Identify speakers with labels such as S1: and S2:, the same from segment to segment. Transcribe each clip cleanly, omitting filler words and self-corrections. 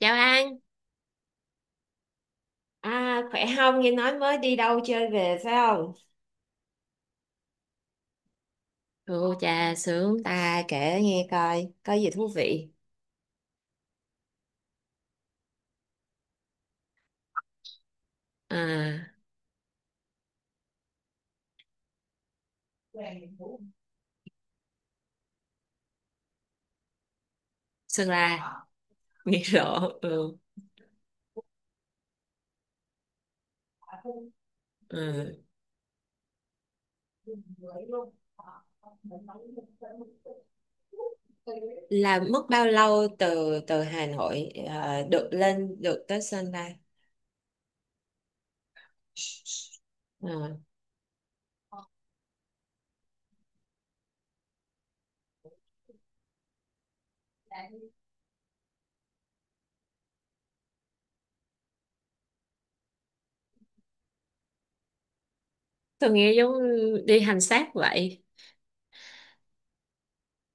S1: Chào An. À, khỏe không? Nghe nói mới đi đâu chơi về phải không? Ô chà sướng. Ta kể nghe coi, có gì thú vị? À, Sơn La. Nghe rõ. Ừ. Ừ. Là mất bao lâu từ từ Hà Nội được lên được tới Sơn La? Ờ, tôi nghe giống đi hành xác vậy.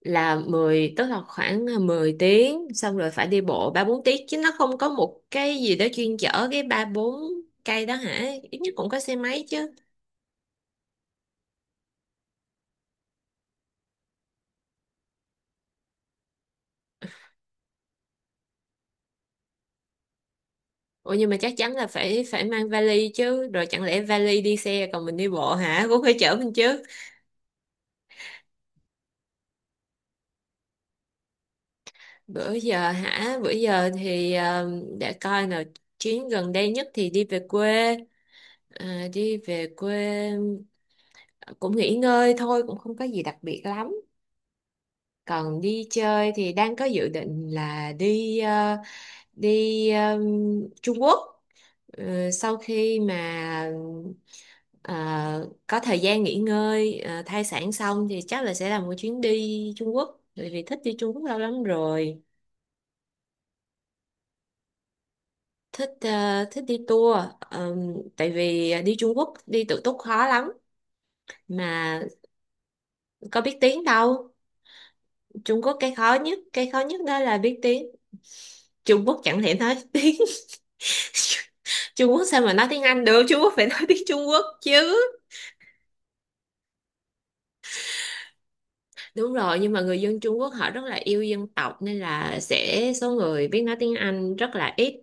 S1: Là mười, tức là khoảng 10 tiếng xong rồi phải đi bộ 3 4 tiếng chứ nó không có một cái gì đó chuyên chở cái 3 4 cây đó hả? Ít nhất cũng có xe máy chứ. Ủa nhưng mà chắc chắn là phải phải mang vali chứ, rồi chẳng lẽ vali đi xe còn mình đi bộ hả? Cũng phải chở mình chứ. Bữa giờ hả? Bữa giờ thì để coi nào, chuyến gần đây nhất thì đi về quê. À, đi về quê, ờ, cũng nghỉ ngơi thôi, cũng không có gì đặc biệt lắm. Còn đi chơi thì đang có dự định là đi ờ, Trung Quốc. Sau khi mà ờ, có thời gian nghỉ ngơi thai sản xong thì chắc là sẽ làm một chuyến đi Trung Quốc, bởi vì thích đi Trung Quốc lâu lắm rồi. Thích đi tour. Ờ, Tại vì đi Trung Quốc đi tự túc khó lắm mà, có biết tiếng đâu. Trung Quốc, cái khó nhất đó là biết tiếng. Trung Quốc chẳng thể nói tiếng Trung Quốc, sao mà nói tiếng Anh được, Trung Quốc phải nói tiếng Trung Quốc chứ. Đúng rồi, nhưng mà người dân Trung Quốc họ rất là yêu dân tộc nên là sẽ số người biết nói tiếng Anh rất là ít.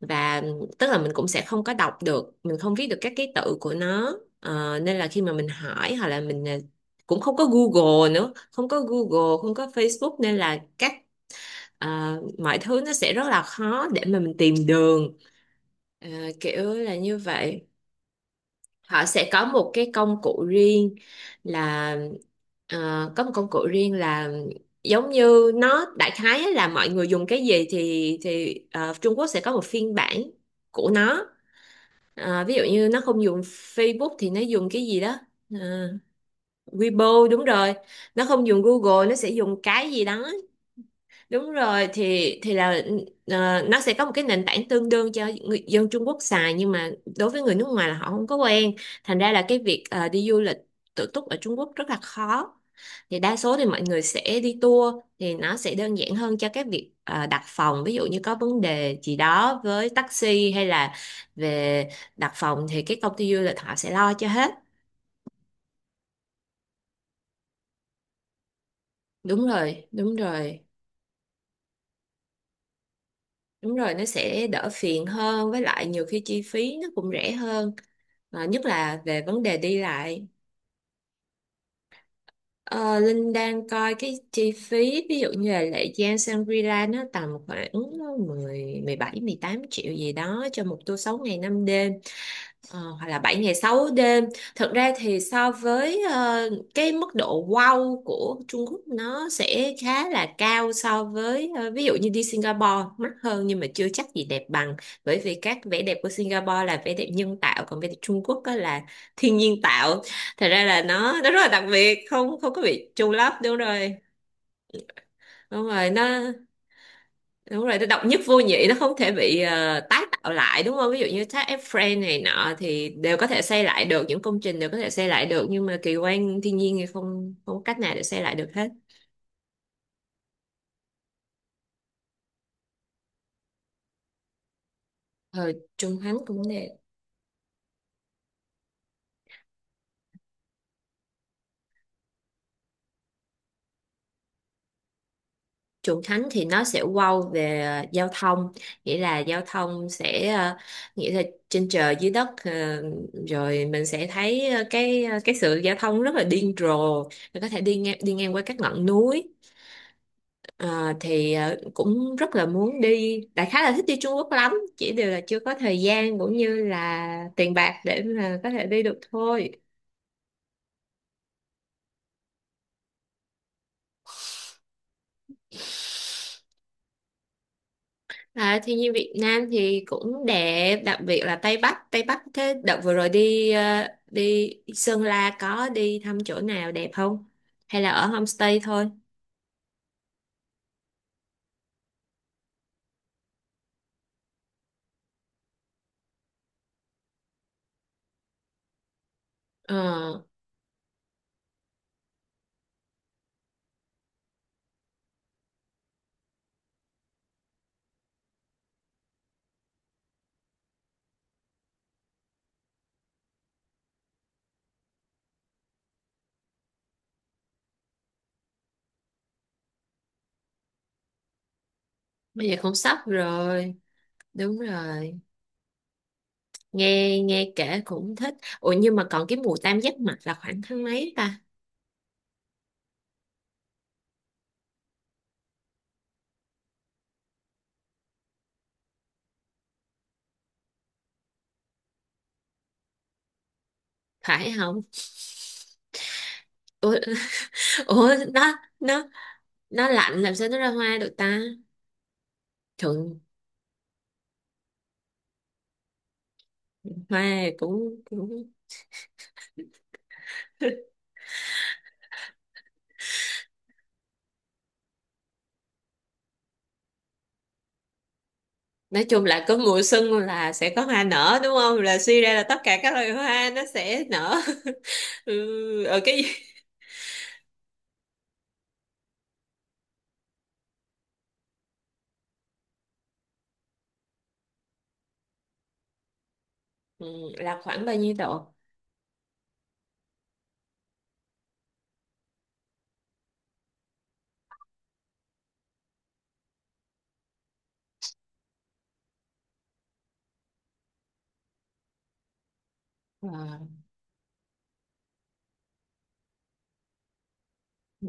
S1: Và tức là mình cũng sẽ không có đọc được, mình không viết được các ký tự của nó. Nên là khi mà mình hỏi hoặc là mình, cũng không có Google nữa, không có Google không có Facebook nên là mọi thứ nó sẽ rất là khó để mà mình tìm đường. Ờ, Kiểu là như vậy. Họ sẽ có một cái công cụ riêng, là có một công cụ riêng, là giống như nó đại khái á, là mọi người dùng cái gì thì Trung Quốc sẽ có một phiên bản của nó. Ví dụ như nó không dùng Facebook thì nó dùng cái gì đó. Ờ, Weibo đúng rồi, nó không dùng Google, nó sẽ dùng cái gì đó. Đúng rồi, thì là nó sẽ có một cái nền tảng tương đương cho người dân Trung Quốc xài, nhưng mà đối với người nước ngoài là họ không có quen. Thành ra là cái việc đi du lịch tự túc ở Trung Quốc rất là khó. Thì đa số thì mọi người sẽ đi tour, thì nó sẽ đơn giản hơn cho các việc đặt phòng, ví dụ như có vấn đề gì đó với taxi hay là về đặt phòng thì cái công ty du lịch họ sẽ lo cho hết. Đúng rồi, đúng rồi, nó sẽ đỡ phiền hơn, với lại nhiều khi chi phí nó cũng rẻ hơn. Ờ, nhất là về vấn đề đi lại. Ờ, Linh đang coi cái chi phí, ví dụ như là Lệ Giang Shangri-La nó tầm khoảng mười, mười bảy mười tám triệu gì đó cho một tour 6 ngày 5 đêm. Ờ, hoặc là 7 ngày 6 đêm. Thật ra thì so với cái mức độ wow của Trung Quốc nó sẽ khá là cao, so với ví dụ như đi Singapore mắc hơn nhưng mà chưa chắc gì đẹp bằng. Bởi vì các vẻ đẹp của Singapore là vẻ đẹp nhân tạo, còn vẻ đẹp Trung Quốc á là thiên nhiên tạo. Thật ra là nó rất là đặc biệt, không không có bị trùng lắp, đúng rồi. Đúng rồi, nó đúng rồi, nó độc nhất vô nhị, nó không thể bị tái tạo lại, đúng không? Ví dụ như thác Eiffel này nọ thì đều có thể xây lại được, những công trình đều có thể xây lại được, nhưng mà kỳ quan thiên nhiên thì không, không có cách nào để xây lại được hết. Ờ, Trung Thánh cũng nè. Trùng Khánh thì nó sẽ wow về giao thông, nghĩa là giao thông sẽ nghĩa là trên trời dưới đất, rồi mình sẽ thấy cái sự giao thông rất là điên rồ, mình có thể đi ngang qua các ngọn núi. Ờ, thì cũng rất là muốn đi, đại khái là thích đi Trung Quốc lắm, chỉ điều là chưa có thời gian cũng như là tiền bạc để mà có thể đi được thôi. À, thiên nhiên Việt Nam thì cũng đẹp, đặc biệt là Tây Bắc. Tây Bắc thế đợt vừa rồi đi đi Sơn La có đi thăm chỗ nào đẹp không, hay là ở homestay thôi? ờ Bây giờ cũng sắp rồi. Đúng rồi, nghe nghe kể cũng thích. Ủa nhưng mà còn cái mùa tam giác mạch là khoảng tháng mấy ta? Phải không? Ủa ủa nó lạnh làm sao nó ra hoa được ta? Thường hoa cũng nói chung là có mùa xuân là sẽ có hoa nở, đúng không? Là suy ra là tất cả các loài hoa nó sẽ nở. Ừ, ở cái gì? Ừ, là khoảng bao nhiêu độ? Ờ, ừ.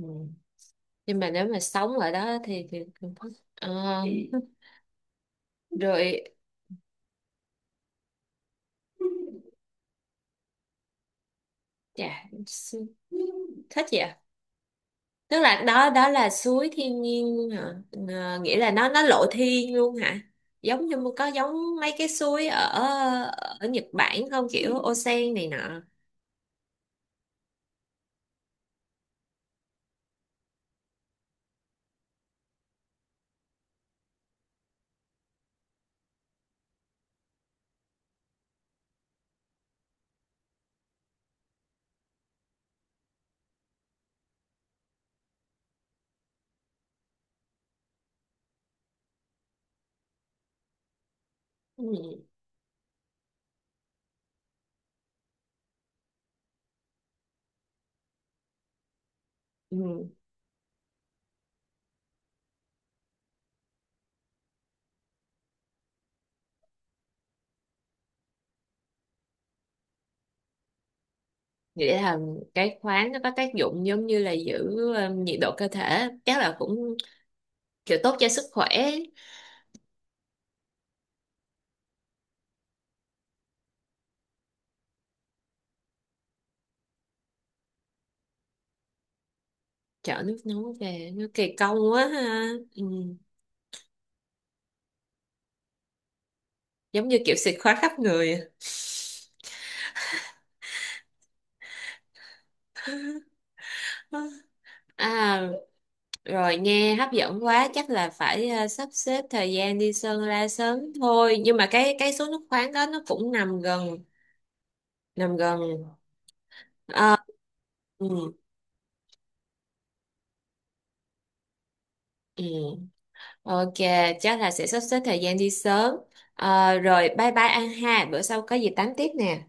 S1: Nhưng mà nếu mà sống ở đó thì... Ờ, rồi dạ, thích vậy. Tức là đó đó là suối thiên nhiên hả? Ờ, nghĩa là nó lộ thiên luôn hả? Giống như có giống mấy cái suối ở ở Nhật Bản không, kiểu onsen này nọ? Ừ. Ừ. Nghĩa là cái khoáng nó có tác dụng giống như là giữ nhiệt độ cơ thể, chắc là cũng kiểu tốt cho sức khỏe. Chở nước nóng về nó kỳ công quá ha. Ừ. Giống như kiểu xịt khoáng khắp người. À, rồi nghe hấp dẫn quá, chắc là phải sắp xếp thời gian đi Sơn La sớm thôi. Nhưng mà cái số nước khoáng đó nó cũng nằm gần, nằm gần. Ờ, ừ, ừ. Ok, chắc là sẽ sắp xếp thời gian đi sớm. Ờ, rồi bye bye An ha, bữa sau có gì tám tiếp nè.